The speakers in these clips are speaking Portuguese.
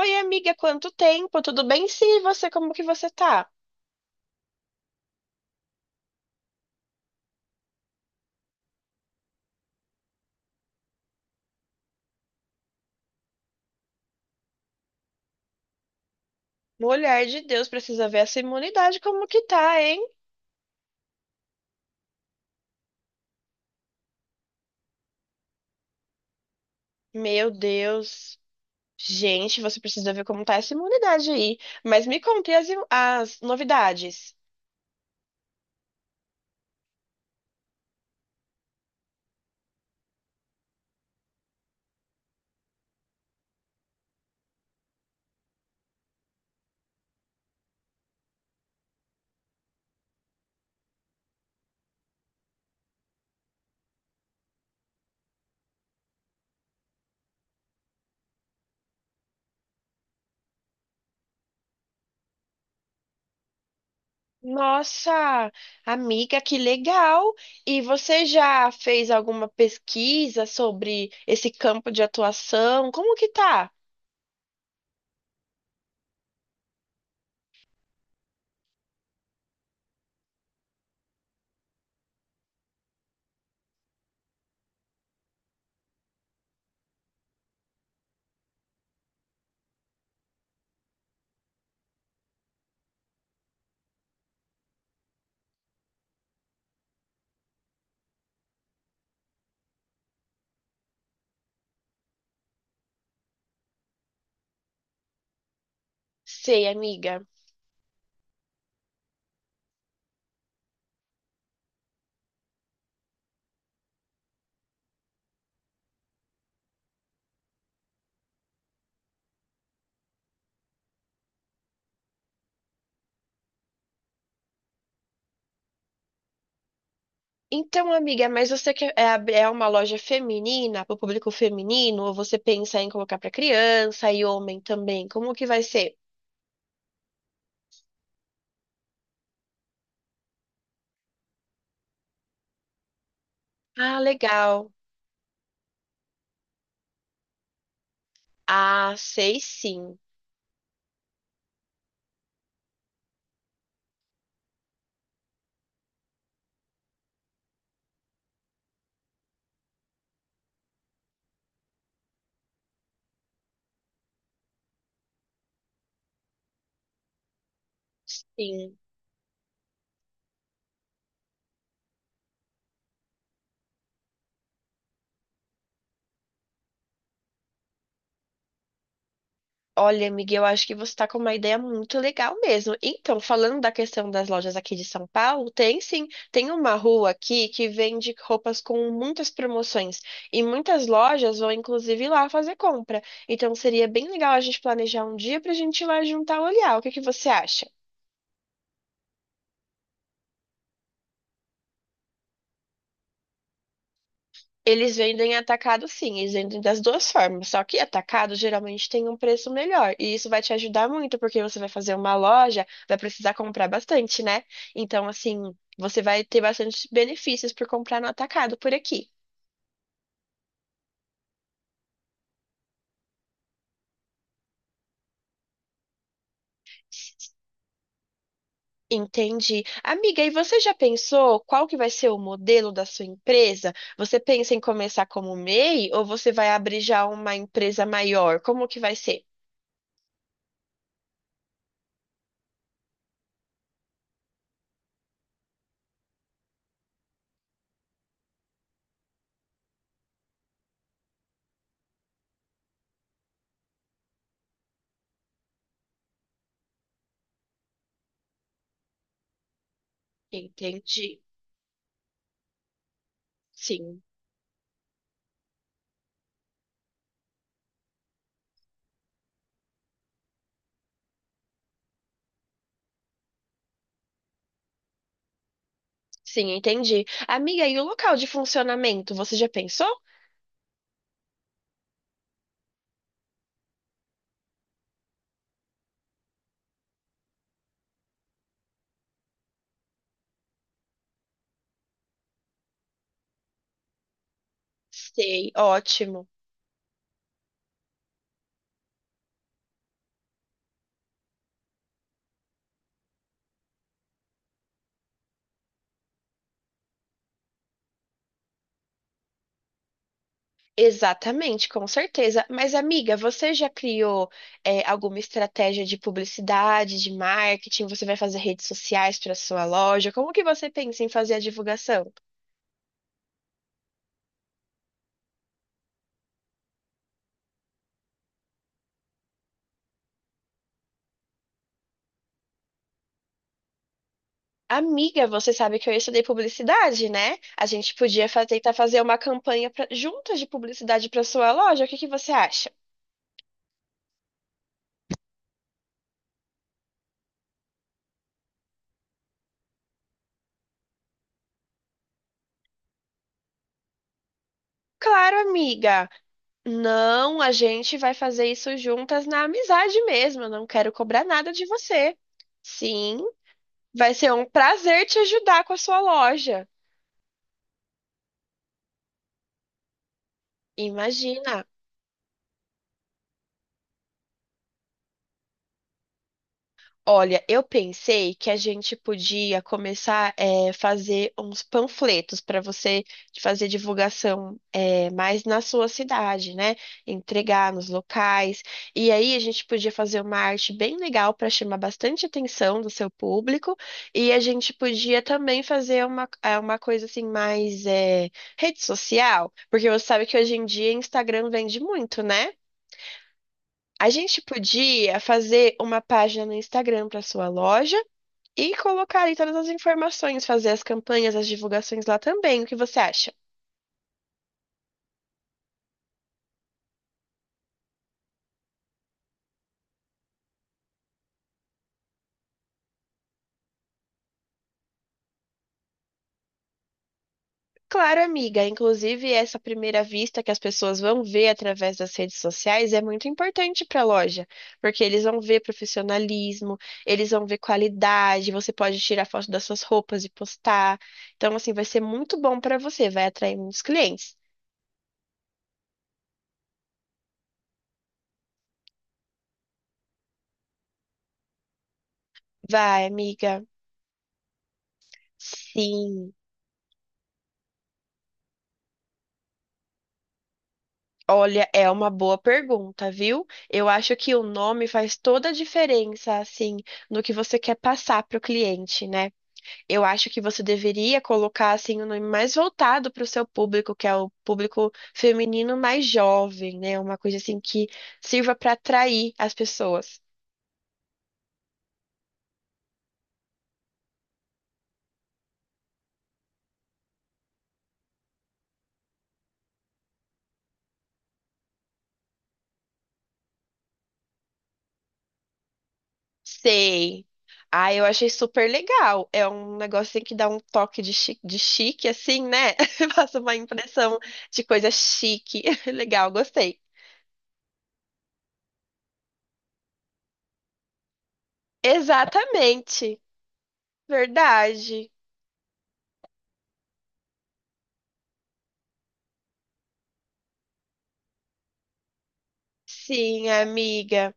Oi, amiga, quanto tempo? Tudo bem? Sim, e você, como que você tá? Mulher de Deus, precisa ver essa imunidade como que tá, hein? Meu Deus. Gente, você precisa ver como tá essa imunidade aí. Mas me conte as novidades. Nossa, amiga, que legal! E você já fez alguma pesquisa sobre esse campo de atuação? Como que tá? Sei, amiga. Então, amiga, mas você quer é uma loja feminina, para o público feminino, ou você pensa em colocar para criança e homem também? Como que vai ser? Ah, legal. Ah, sei sim. Sim. Olha, Miguel, eu acho que você está com uma ideia muito legal mesmo. Então, falando da questão das lojas aqui de São Paulo, tem sim, tem uma rua aqui que vende roupas com muitas promoções e muitas lojas vão inclusive lá fazer compra. Então, seria bem legal a gente planejar um dia para a gente ir lá juntar e olhar. O que que você acha? Eles vendem atacado, sim, eles vendem das duas formas. Só que atacado geralmente tem um preço melhor. E isso vai te ajudar muito, porque você vai fazer uma loja, vai precisar comprar bastante, né? Então, assim, você vai ter bastante benefícios por comprar no atacado por aqui. Entendi. Amiga, e você já pensou qual que vai ser o modelo da sua empresa? Você pensa em começar como MEI ou você vai abrir já uma empresa maior? Como que vai ser? Entendi. Sim, sim, entendi. Amiga, e o local de funcionamento, você já pensou? Sei, ótimo. Exatamente, com certeza. Mas, amiga, você já criou, alguma estratégia de publicidade, de marketing? Você vai fazer redes sociais para sua loja? Como que você pensa em fazer a divulgação? Amiga, você sabe que eu estudei publicidade, né? A gente podia tentar fazer uma campanha juntas de publicidade para sua loja. O que que você acha? Claro, amiga. Não, a gente vai fazer isso juntas na amizade mesmo. Eu não quero cobrar nada de você. Sim, vai ser um prazer te ajudar com a sua loja. Imagina. Olha, eu pensei que a gente podia começar a fazer uns panfletos para você fazer divulgação mais na sua cidade, né? Entregar nos locais. E aí a gente podia fazer uma arte bem legal para chamar bastante atenção do seu público. E a gente podia também fazer uma coisa assim mais rede social, porque você sabe que hoje em dia Instagram vende muito, né? A gente podia fazer uma página no Instagram para sua loja e colocar ali todas as informações, fazer as campanhas, as divulgações lá também. O que você acha? Claro, amiga. Inclusive, essa primeira vista que as pessoas vão ver através das redes sociais é muito importante para a loja, porque eles vão ver profissionalismo, eles vão ver qualidade. Você pode tirar foto das suas roupas e postar. Então, assim, vai ser muito bom para você, vai atrair muitos clientes. Vai, amiga. Sim. Olha, é uma boa pergunta, viu? Eu acho que o nome faz toda a diferença, assim, no que você quer passar para o cliente, né? Eu acho que você deveria colocar, assim, um nome mais voltado para o seu público, que é o público feminino mais jovem, né? Uma coisa, assim, que sirva para atrair as pessoas. Sei. Ah, eu achei super legal. É um negócio assim, que dá um toque de de chique, assim, né? Passa uma impressão de coisa chique. Legal, gostei. Exatamente. Verdade. Sim, amiga.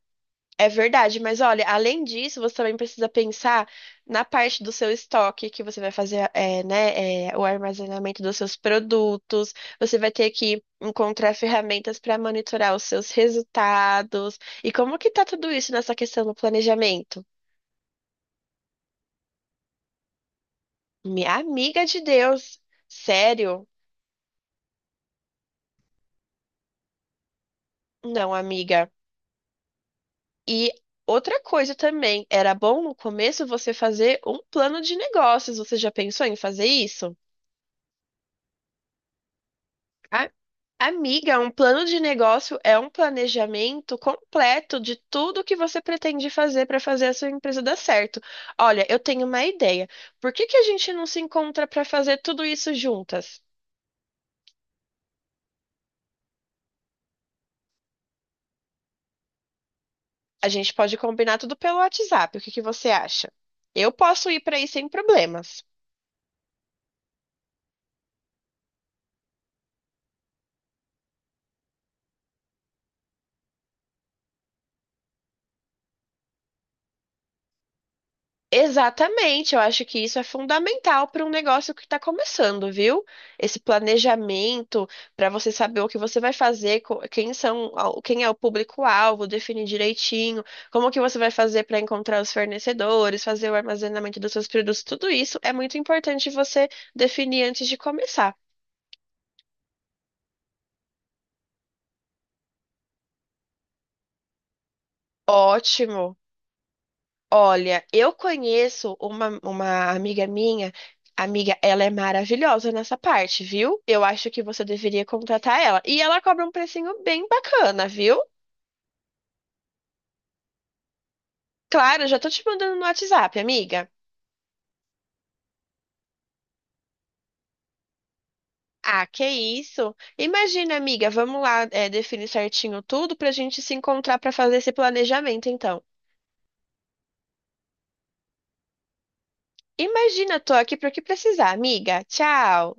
É verdade, mas olha, além disso, você também precisa pensar na parte do seu estoque que você vai fazer, o armazenamento dos seus produtos. Você vai ter que encontrar ferramentas para monitorar os seus resultados. E como que tá tudo isso nessa questão do planejamento? Minha amiga de Deus, sério? Não, amiga. E outra coisa também, era bom no começo você fazer um plano de negócios. Você já pensou em fazer isso? A- Amiga, um plano de negócio é um planejamento completo de tudo que você pretende fazer para fazer a sua empresa dar certo. Olha, eu tenho uma ideia. Por que que a gente não se encontra para fazer tudo isso juntas? A gente pode combinar tudo pelo WhatsApp. O que que você acha? Eu posso ir para aí sem problemas. Exatamente, eu acho que isso é fundamental para um negócio que está começando, viu? Esse planejamento para você saber o que você vai fazer, quem são, quem é o público-alvo, definir direitinho, como que você vai fazer para encontrar os fornecedores, fazer o armazenamento dos seus produtos, tudo isso é muito importante você definir antes de começar. Ótimo. Olha, eu conheço uma amiga minha. Amiga, ela é maravilhosa nessa parte, viu? Eu acho que você deveria contratar ela. E ela cobra um precinho bem bacana, viu? Claro, já tô te mandando no WhatsApp, amiga. Ah, que isso? Imagina, amiga, vamos lá, definir certinho tudo pra gente se encontrar pra fazer esse planejamento, então. Imagina, tô aqui para o que precisar, amiga. Tchau.